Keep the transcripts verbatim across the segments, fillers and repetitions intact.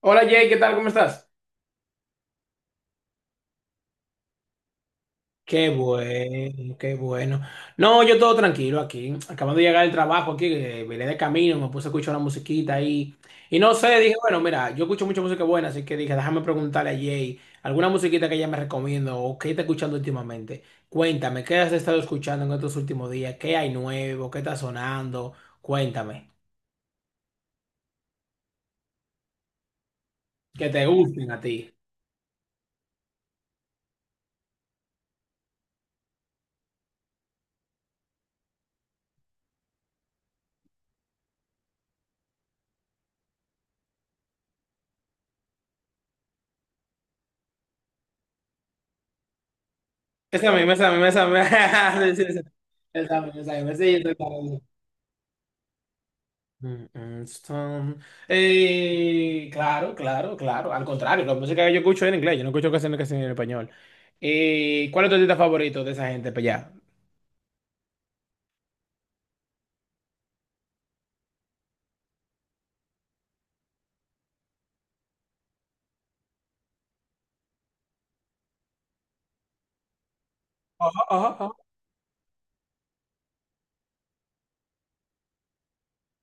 Hola Jay, ¿qué tal? ¿Cómo estás? Qué bueno, qué bueno. No, yo todo tranquilo aquí. Acabando de llegar del trabajo aquí, eh, vine de camino, me puse a escuchar una musiquita ahí. Y no sé, dije, bueno, mira, yo escucho mucha música buena, así que dije, déjame preguntarle a Jay alguna musiquita que ella me recomienda o qué está escuchando últimamente. Cuéntame, ¿qué has estado escuchando en estos últimos días? ¿Qué hay nuevo? ¿Qué está sonando? Cuéntame. Que te gusten a ti. Esa misma, esa misma, esa misma. Sí, sí, sí. Esa misma, esa misma. Sí, yo estoy claro. Mm, mm, Stone. Eh, claro, claro, claro. Al contrario, la música que yo escucho es en inglés. Yo no escucho canciones que en español. Eh, ¿cuál es tu artista favorito de esa gente? Pues ya. Ajá, ajá, ajá.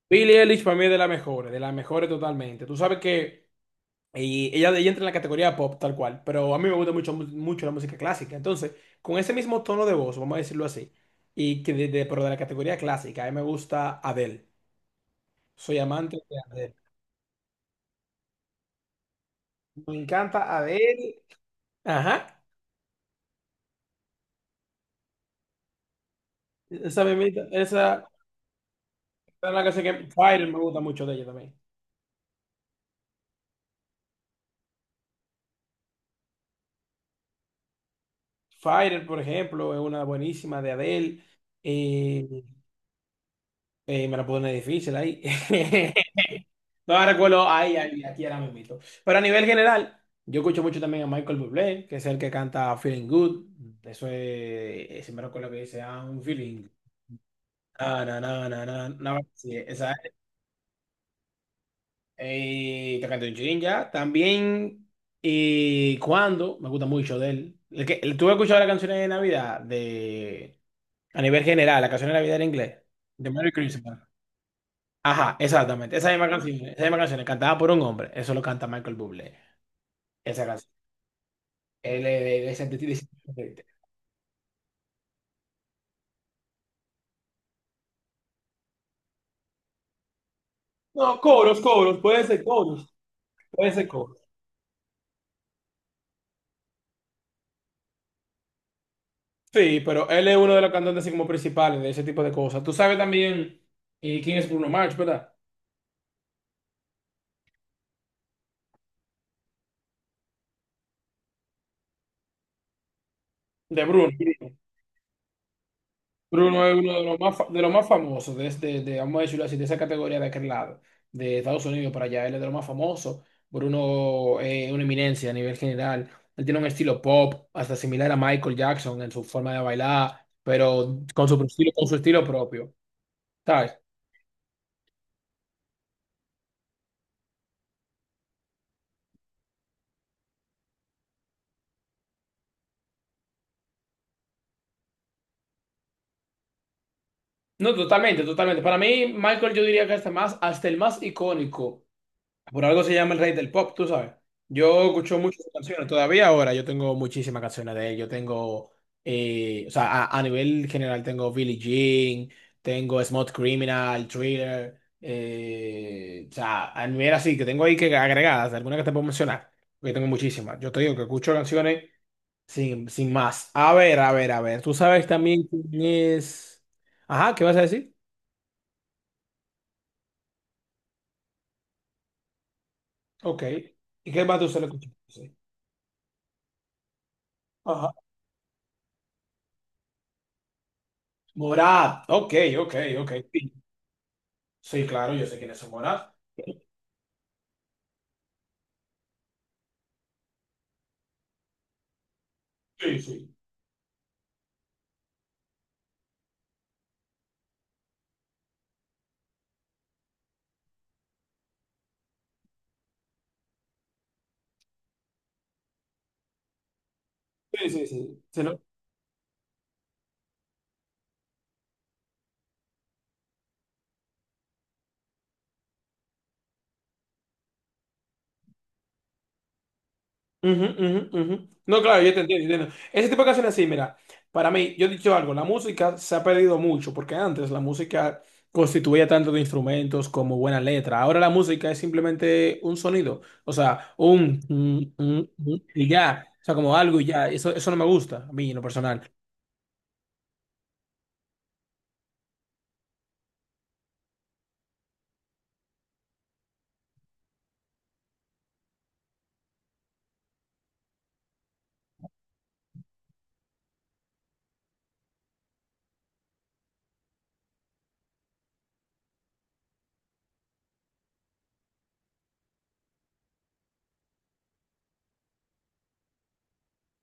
Billie Eilish para mí es de las mejores, de las mejores totalmente. Tú sabes que eh, ella, ella entra en la categoría pop tal cual, pero a mí me gusta mucho, mu- mucho la música clásica. Entonces, con ese mismo tono de voz, vamos a decirlo así, y que de, de- pero de la categoría clásica, a mí me gusta Adele. Soy amante de Adele. Me encanta Adele. Ajá. Esa mismita, esa esa es la canción que Fire me gusta mucho de ella también. Fire, por ejemplo, es una buenísima de Adele. Eh, eh, me la pone difícil ahí. No la recuerdo ahí, ahí, aquí ahora mismo. Pero a nivel general, yo escucho mucho también a Michael Bublé, que es el que canta Feeling Good. Eso es, si me recuerdo que dice, I'm feeling. Na, na, na, na, na, na. Sí, esa. Eh, Takashi Miike ya. También, y cuando, me gusta mucho de él. El que, el- ¿tú has escuchado las canciones de Navidad de, a nivel general, la canción de Navidad en inglés? De Merry Christmas. Ajá, exactamente. Esa misma canción, esa misma canción, cantada por un hombre. Eso lo canta Michael Bublé. Esa canción. Él es de, de Sentiti- de Sentiti. No, coros, coros, puede ser coros, puede ser coros. Sí, pero él es uno de los cantantes así como principales de ese tipo de cosas. Tú sabes también eh, quién es Bruno Mars, ¿verdad? De Bruno. Bruno es uno de los más, fa- de los más famosos de, este, de, vamos a decirlo así, de esa categoría de aquel lado, de Estados Unidos para allá. Él es de los más famosos. Bruno eh, es una eminencia a nivel general. Él tiene un estilo pop, hasta similar a Michael Jackson en su forma de bailar, pero con su estilo, con su estilo propio. ¿Sabes? No, totalmente, totalmente. Para mí, Michael, yo diría que hasta más, hasta el más icónico. Por algo se llama el rey del pop, tú sabes. Yo escucho muchas canciones todavía ahora. Yo tengo muchísimas canciones de él. Yo tengo, eh, o sea, a, a nivel general tengo Billie Jean, tengo Smooth Criminal, Thriller. Eh, o sea, a nivel así, que tengo ahí que agregadas, algunas que te puedo mencionar, porque tengo muchísimas. Yo te digo que escucho canciones sin, sin más. A ver, a ver, a ver. Tú sabes también quién es... Ajá, ¿qué vas a decir? Ok. ¿Y qué más tú se le escuchas? Sí. Ajá. Morat, ok, ok, ok. Sí, sí, claro, yo sé quién es Morat. Sí, sí. Sí, sí, sí. Sí, no. Ujú, ujú, ujú. No, claro, yo te entiendo, yo te entiendo. Ese tipo de canciones así, mira, para mí, yo he dicho algo, la música se ha perdido mucho, porque antes la música constituía tanto de instrumentos como buena letra. Ahora la música es simplemente un sonido, o sea, un, un, un, un, y ya, o sea, como algo y ya. Eso, eso no me gusta, a mí en lo personal.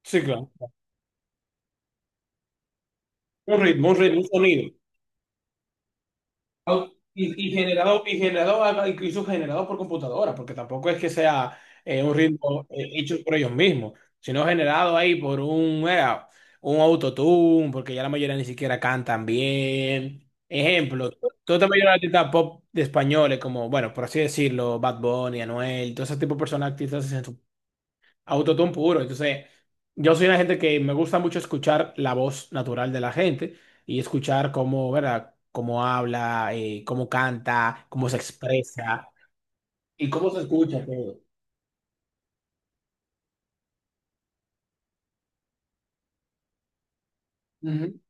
Sí, claro. Un ritmo, un ritmo, un sonido. au- Y, y generado, y generado, a- incluso generado por computadora, porque tampoco es que sea eh, un ritmo eh, hecho por ellos mismos, sino generado ahí por un, eh, un autotune, porque ya la mayoría ni siquiera cantan bien. Ejemplo, toda la mayoría de artistas pop de españoles, como, bueno, por así decirlo, Bad Bunny, Anuel, todo ese tipo de personas, artistas. Autotune puro. Entonces, yo soy una gente que me gusta mucho escuchar la voz natural de la gente y escuchar cómo, ¿verdad? Cómo habla, eh, cómo canta, cómo se expresa y cómo se escucha todo. Ujú.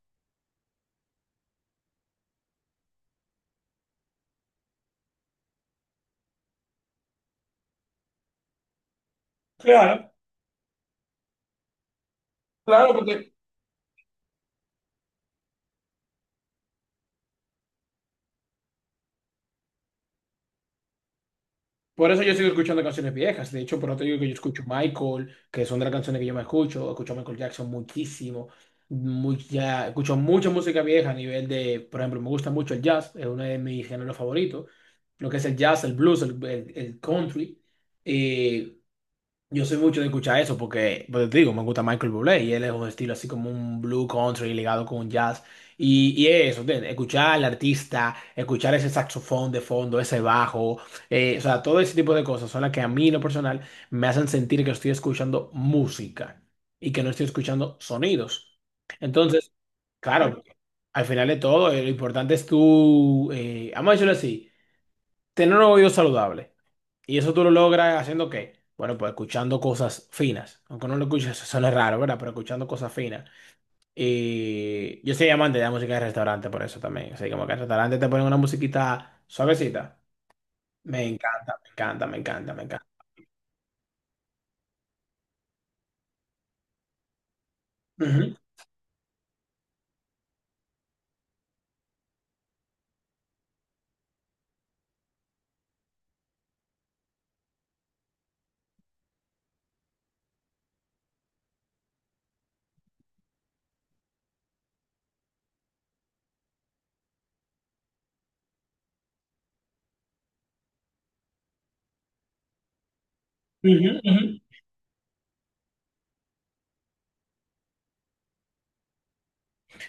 Claro, claro, porque por eso yo sigo escuchando canciones viejas. De hecho, por eso te digo que yo escucho Michael, que son de las canciones que yo me escucho. Escucho a Michael Jackson muchísimo. Mucha, escucho mucha música vieja a nivel de, por ejemplo, me gusta mucho el jazz, es uno de mis géneros favoritos. Lo que es el jazz, el blues, el, el- el country. Eh, yo soy mucho de escuchar eso porque, pues te digo, me gusta Michael Bublé y él es un estilo así como un blue country ligado con un jazz. Y, y eso, ¿entiendes? Escuchar al artista, escuchar ese saxofón de fondo, ese bajo, eh, o sea, todo ese tipo de cosas son las que a mí en lo personal me hacen sentir que estoy escuchando música y que no estoy escuchando sonidos. Entonces, claro, al final de todo, eh, lo importante es tú, eh, vamos a decirlo así, tener un oído saludable. ¿Y eso tú lo logras haciendo qué? Bueno, pues escuchando cosas finas. Aunque no lo escuches, eso suena raro, ¿verdad? Pero escuchando cosas finas. Y yo soy amante de la música de restaurante por eso también. O sea, como que en restaurante te ponen una musiquita suavecita. Me encanta, me encanta, me encanta, me encanta. Ujú, ujú, ujú.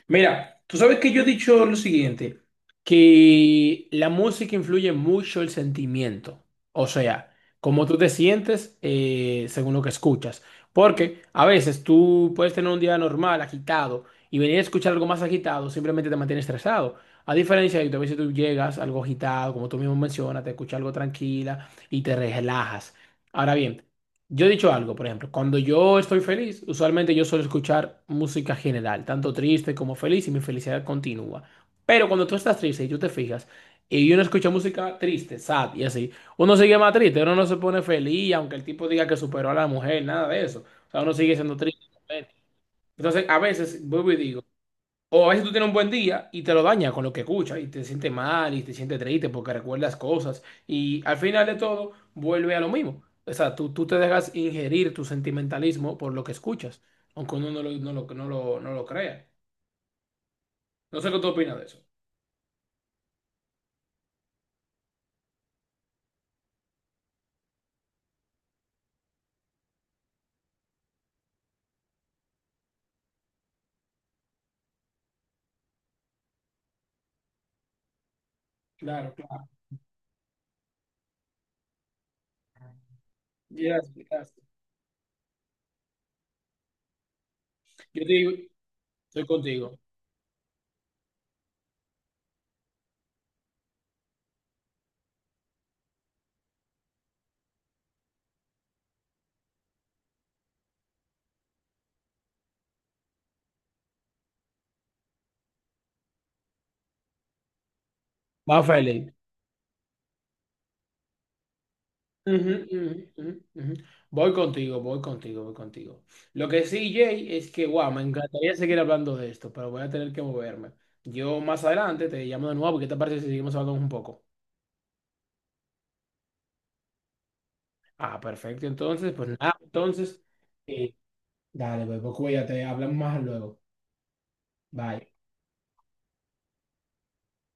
Mira, tú sabes que yo he dicho lo siguiente, que la música influye mucho el sentimiento, o sea, cómo tú te sientes eh, según lo que escuchas, porque a veces tú puedes tener un día normal, agitado, y venir a escuchar algo más agitado, simplemente te mantiene estresado. A diferencia de que a veces tú llegas algo agitado, como tú mismo mencionas, te escuchas algo tranquila y te relajas. Ahora bien, yo he dicho algo, por ejemplo, cuando yo estoy feliz, usualmente yo suelo escuchar música general, tanto triste como feliz, y mi felicidad continúa. Pero cuando tú estás triste y tú te fijas, y uno escucha música triste, sad y así, uno sigue más triste, uno no se pone feliz, aunque el tipo diga que superó a la mujer, nada de eso. O sea, uno sigue siendo triste. Entonces, a veces, vuelvo y digo, o a veces tú tienes un buen día y te lo daña con lo que escuchas y te sientes mal y te sientes triste porque recuerdas cosas y al final de todo vuelve a lo mismo. O sea, tú, tú te dejas ingerir tu sentimentalismo por lo que escuchas, aunque uno no lo, no lo, no lo, no lo crea. No sé qué tú opinas de eso. Claro, claro. Yes, yes. Yo te digo, estoy contigo. Va, Félix. Ujú, ujú, ujú, ujú. Voy contigo, voy contigo, voy contigo. Lo que sí, Jay, es que, wow, me encantaría seguir hablando de esto, pero voy a tener que moverme. Yo más adelante te llamo de nuevo, porque ¿te parece si seguimos hablando un poco? Ah, perfecto, entonces, pues nada, entonces, eh, dale, pues pues, cuídate, hablamos más luego. Bye.